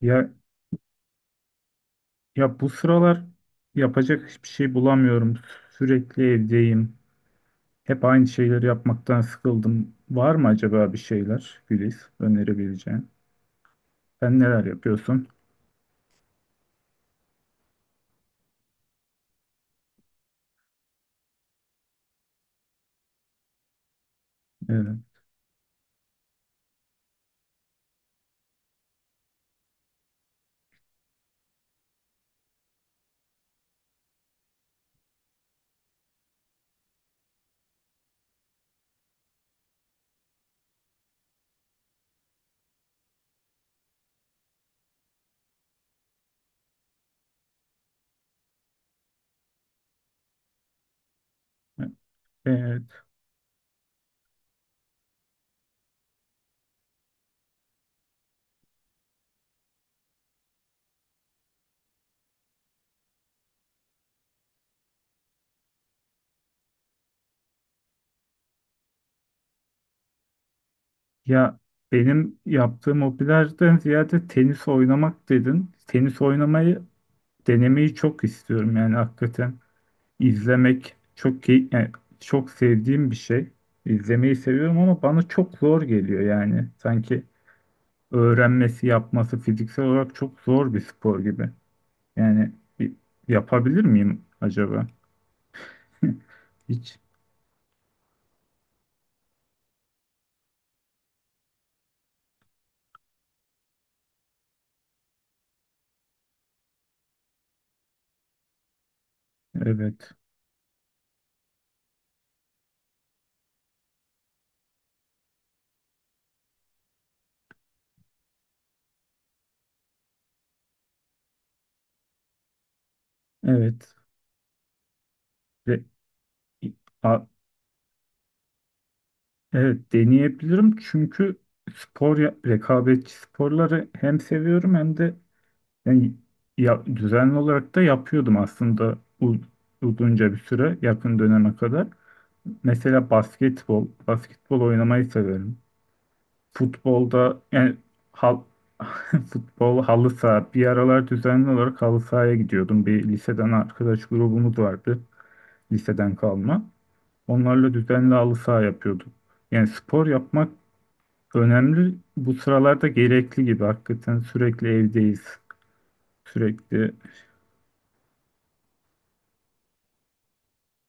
Ya ya, bu sıralar yapacak hiçbir şey bulamıyorum. Sürekli evdeyim. Hep aynı şeyleri yapmaktan sıkıldım. Var mı acaba bir şeyler Güliz önerebileceğin? Sen neler yapıyorsun? Evet. Evet. Ya benim yaptığım hobilerden ziyade tenis oynamak dedin. Tenis oynamayı denemeyi çok istiyorum. Yani hakikaten izlemek çok key yani çok sevdiğim bir şey. İzlemeyi seviyorum ama bana çok zor geliyor yani. Sanki öğrenmesi, yapması fiziksel olarak çok zor bir spor gibi. Yani bir- yapabilir miyim acaba? Hiç. Evet. Evet. Ve, a- evet deneyebilirim çünkü spor rekabetçi sporları hem seviyorum hem de yani ya, düzenli olarak da yapıyordum aslında uzunca bir süre yakın döneme kadar. Mesela basketbol oynamayı severim. Futbolda yani hal, futbol halı saha bir aralar düzenli olarak halı sahaya gidiyordum. Bir liseden arkadaş grubumuz vardı. Liseden kalma. Onlarla düzenli halı saha yapıyordum. Yani spor yapmak önemli. Bu sıralarda gerekli gibi. Hakikaten sürekli evdeyiz. Sürekli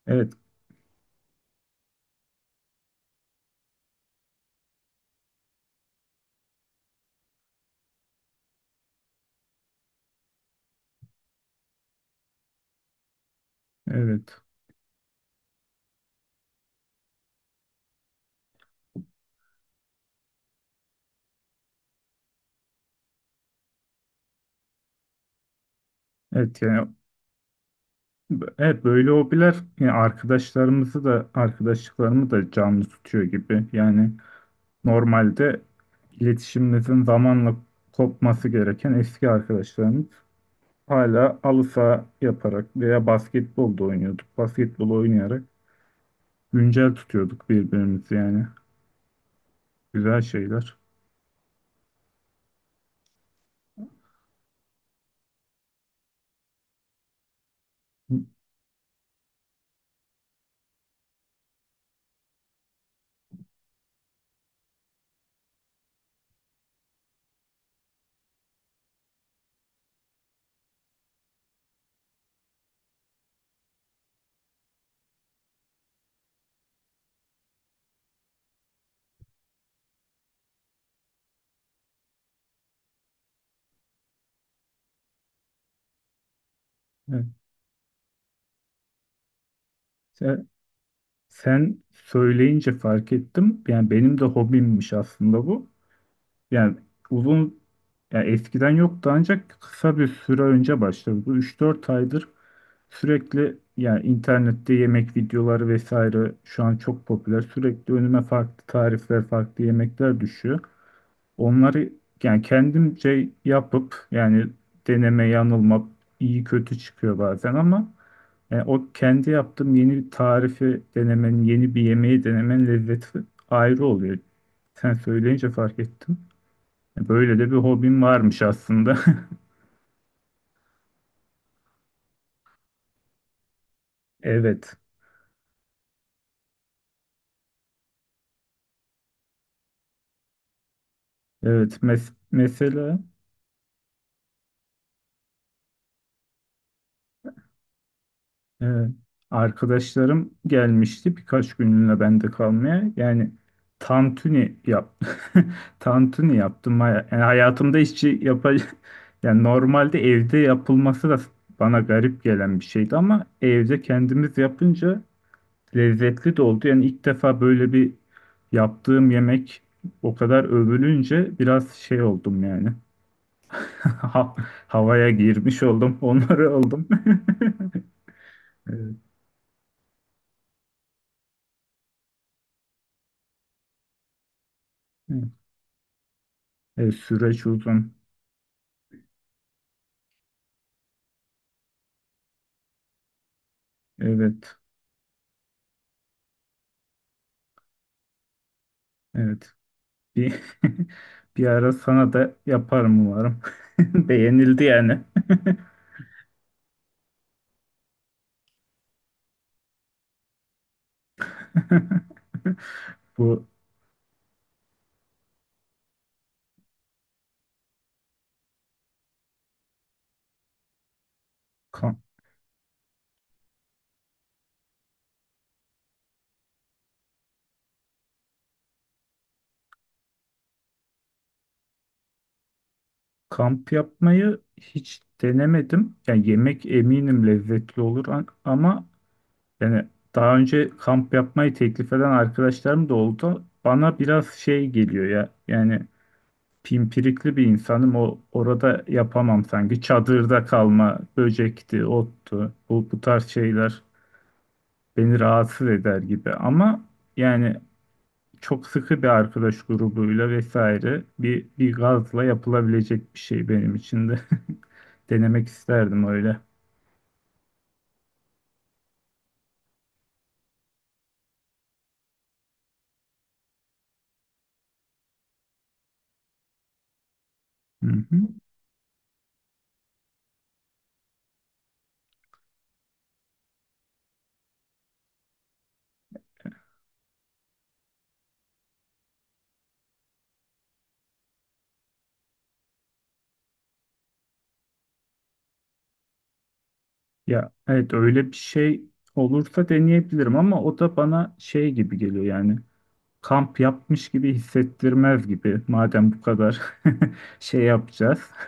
evet evet evet yani evet böyle hobiler yani arkadaşlarımızı da arkadaşlıklarımı da canlı tutuyor gibi. Yani normalde iletişimimizin zamanla kopması gereken eski arkadaşlarımız hala halı saha yaparak veya basketbolda oynuyorduk. Basketbol oynayarak güncel tutuyorduk birbirimizi yani. Güzel şeyler. Evet. Sen, sen söyleyince fark ettim. Yani benim de hobimmiş aslında bu. Yani uzun yani eskiden yoktu ancak kısa bir süre önce başladı. Bu üç dört aydır sürekli yani internette yemek videoları vesaire şu an çok popüler. Sürekli önüme farklı tarifler, farklı yemekler düşüyor. Onları yani kendimce yapıp yani deneme yanılma iyi kötü çıkıyor bazen ama yani o kendi yaptığım yeni bir tarifi denemenin, yeni bir yemeği denemenin lezzeti ayrı oluyor. Sen söyleyince fark ettim. Böyle de bir hobim varmış aslında. Evet. Evet. Mesela evet. Arkadaşlarım gelmişti birkaç günlüğüne bende kalmaya. Yani tantuni yap tantuni yaptım. Yani hayatımda hiç yapacak yani normalde evde yapılması da bana garip gelen bir şeydi ama evde kendimiz yapınca lezzetli de oldu. Yani ilk defa böyle bir yaptığım yemek o kadar övülünce biraz şey oldum yani. Ha- havaya girmiş oldum, onları oldum. Evet. E, süreç uzun. Evet. Evet. Bir, bir ara sana da yaparım umarım. Beğenildi yani. Bu kamp, kamp yapmayı hiç denemedim. Yani yemek eminim lezzetli olur ama yani daha önce kamp yapmayı teklif eden arkadaşlarım da oldu. Bana biraz şey geliyor ya. Yani pimpirikli bir insanım. O orada yapamam sanki. Çadırda kalma, böcekti, ottu, bu tarz şeyler beni rahatsız eder gibi ama yani çok sıkı bir arkadaş grubuyla vesaire bir gazla yapılabilecek bir şey benim için de denemek isterdim öyle. Hı hı. Ya evet öyle bir şey olursa deneyebilirim ama o da bana şey gibi geliyor yani kamp yapmış gibi hissettirmez gibi madem bu kadar şey yapacağız.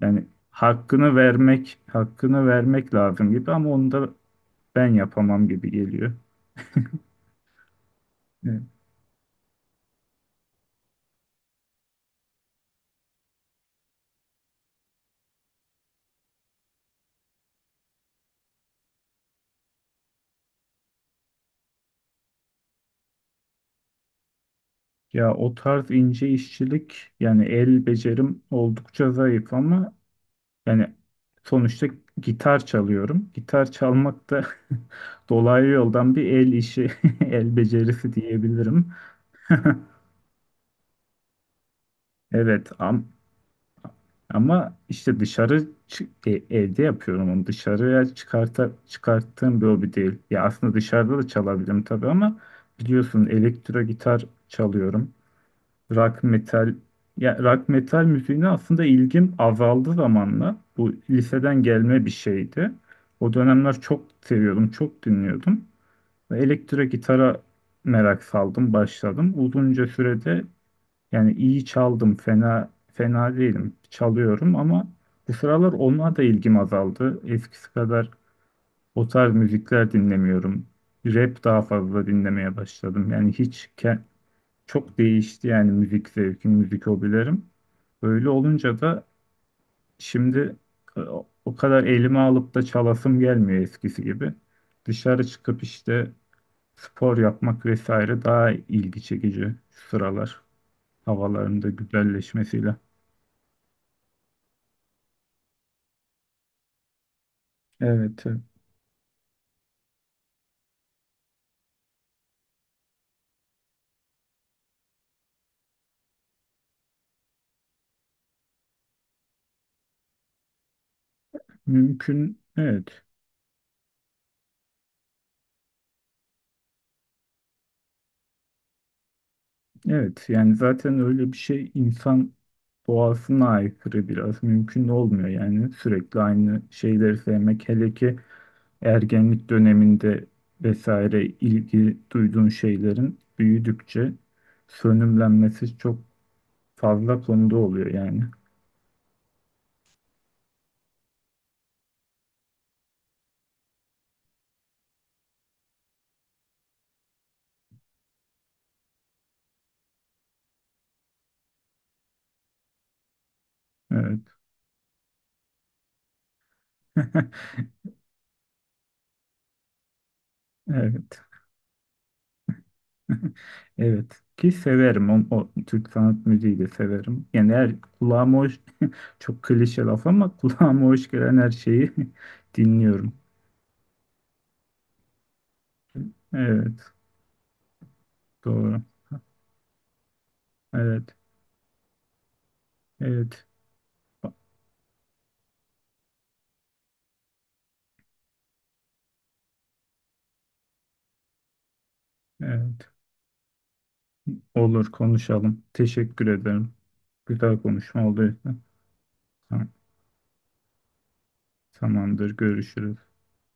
Yani hakkını vermek lazım gibi ama onu da ben yapamam gibi geliyor. Hı. Ya o tarz ince işçilik yani el becerim oldukça zayıf ama yani sonuçta gitar çalıyorum. Gitar çalmak da dolaylı yoldan bir el işi, el becerisi diyebilirim. Evet, am- Ama işte evde yapıyorum onu. Çıkarttığım bir hobi değil. Ya aslında dışarıda da çalabilirim tabii ama biliyorsun elektro gitar çalıyorum. Rock metal ya rock metal müziğine aslında ilgim azaldı zamanla. Bu liseden gelme bir şeydi. O dönemler çok seviyordum, çok dinliyordum. Ve elektro gitara merak saldım, başladım. Uzunca sürede yani iyi çaldım, fena değilim. Çalıyorum ama bu sıralar ona da ilgim azaldı. Eskisi kadar o tarz müzikler dinlemiyorum. Rap daha fazla dinlemeye başladım. Yani çok değişti yani müzik zevkim, müzik hobilerim. Böyle olunca da şimdi e, o kadar elime alıp da çalasım gelmiyor eskisi gibi. Dışarı çıkıp işte spor yapmak vesaire daha ilgi çekici şu sıralar havaların da güzelleşmesiyle. Evet, evet. Mümkün. Evet, evet. Yani zaten öyle bir şey insan doğasına aykırı biraz mümkün olmuyor. Yani sürekli aynı şeyleri sevmek, hele ki ergenlik döneminde vesaire ilgi duyduğun şeylerin büyüdükçe sönümlenmesi çok fazla konuda oluyor yani. Evet, evet. Evet ki severim o Türk sanat müziği de severim. Yani her kulağıma hoş çok klişe laf ama kulağıma hoş gelen her şeyi dinliyorum. Evet doğru. Evet evet evet olur konuşalım. Teşekkür ederim. Güzel konuşma oldu. Tamam- Tamamdır, görüşürüz.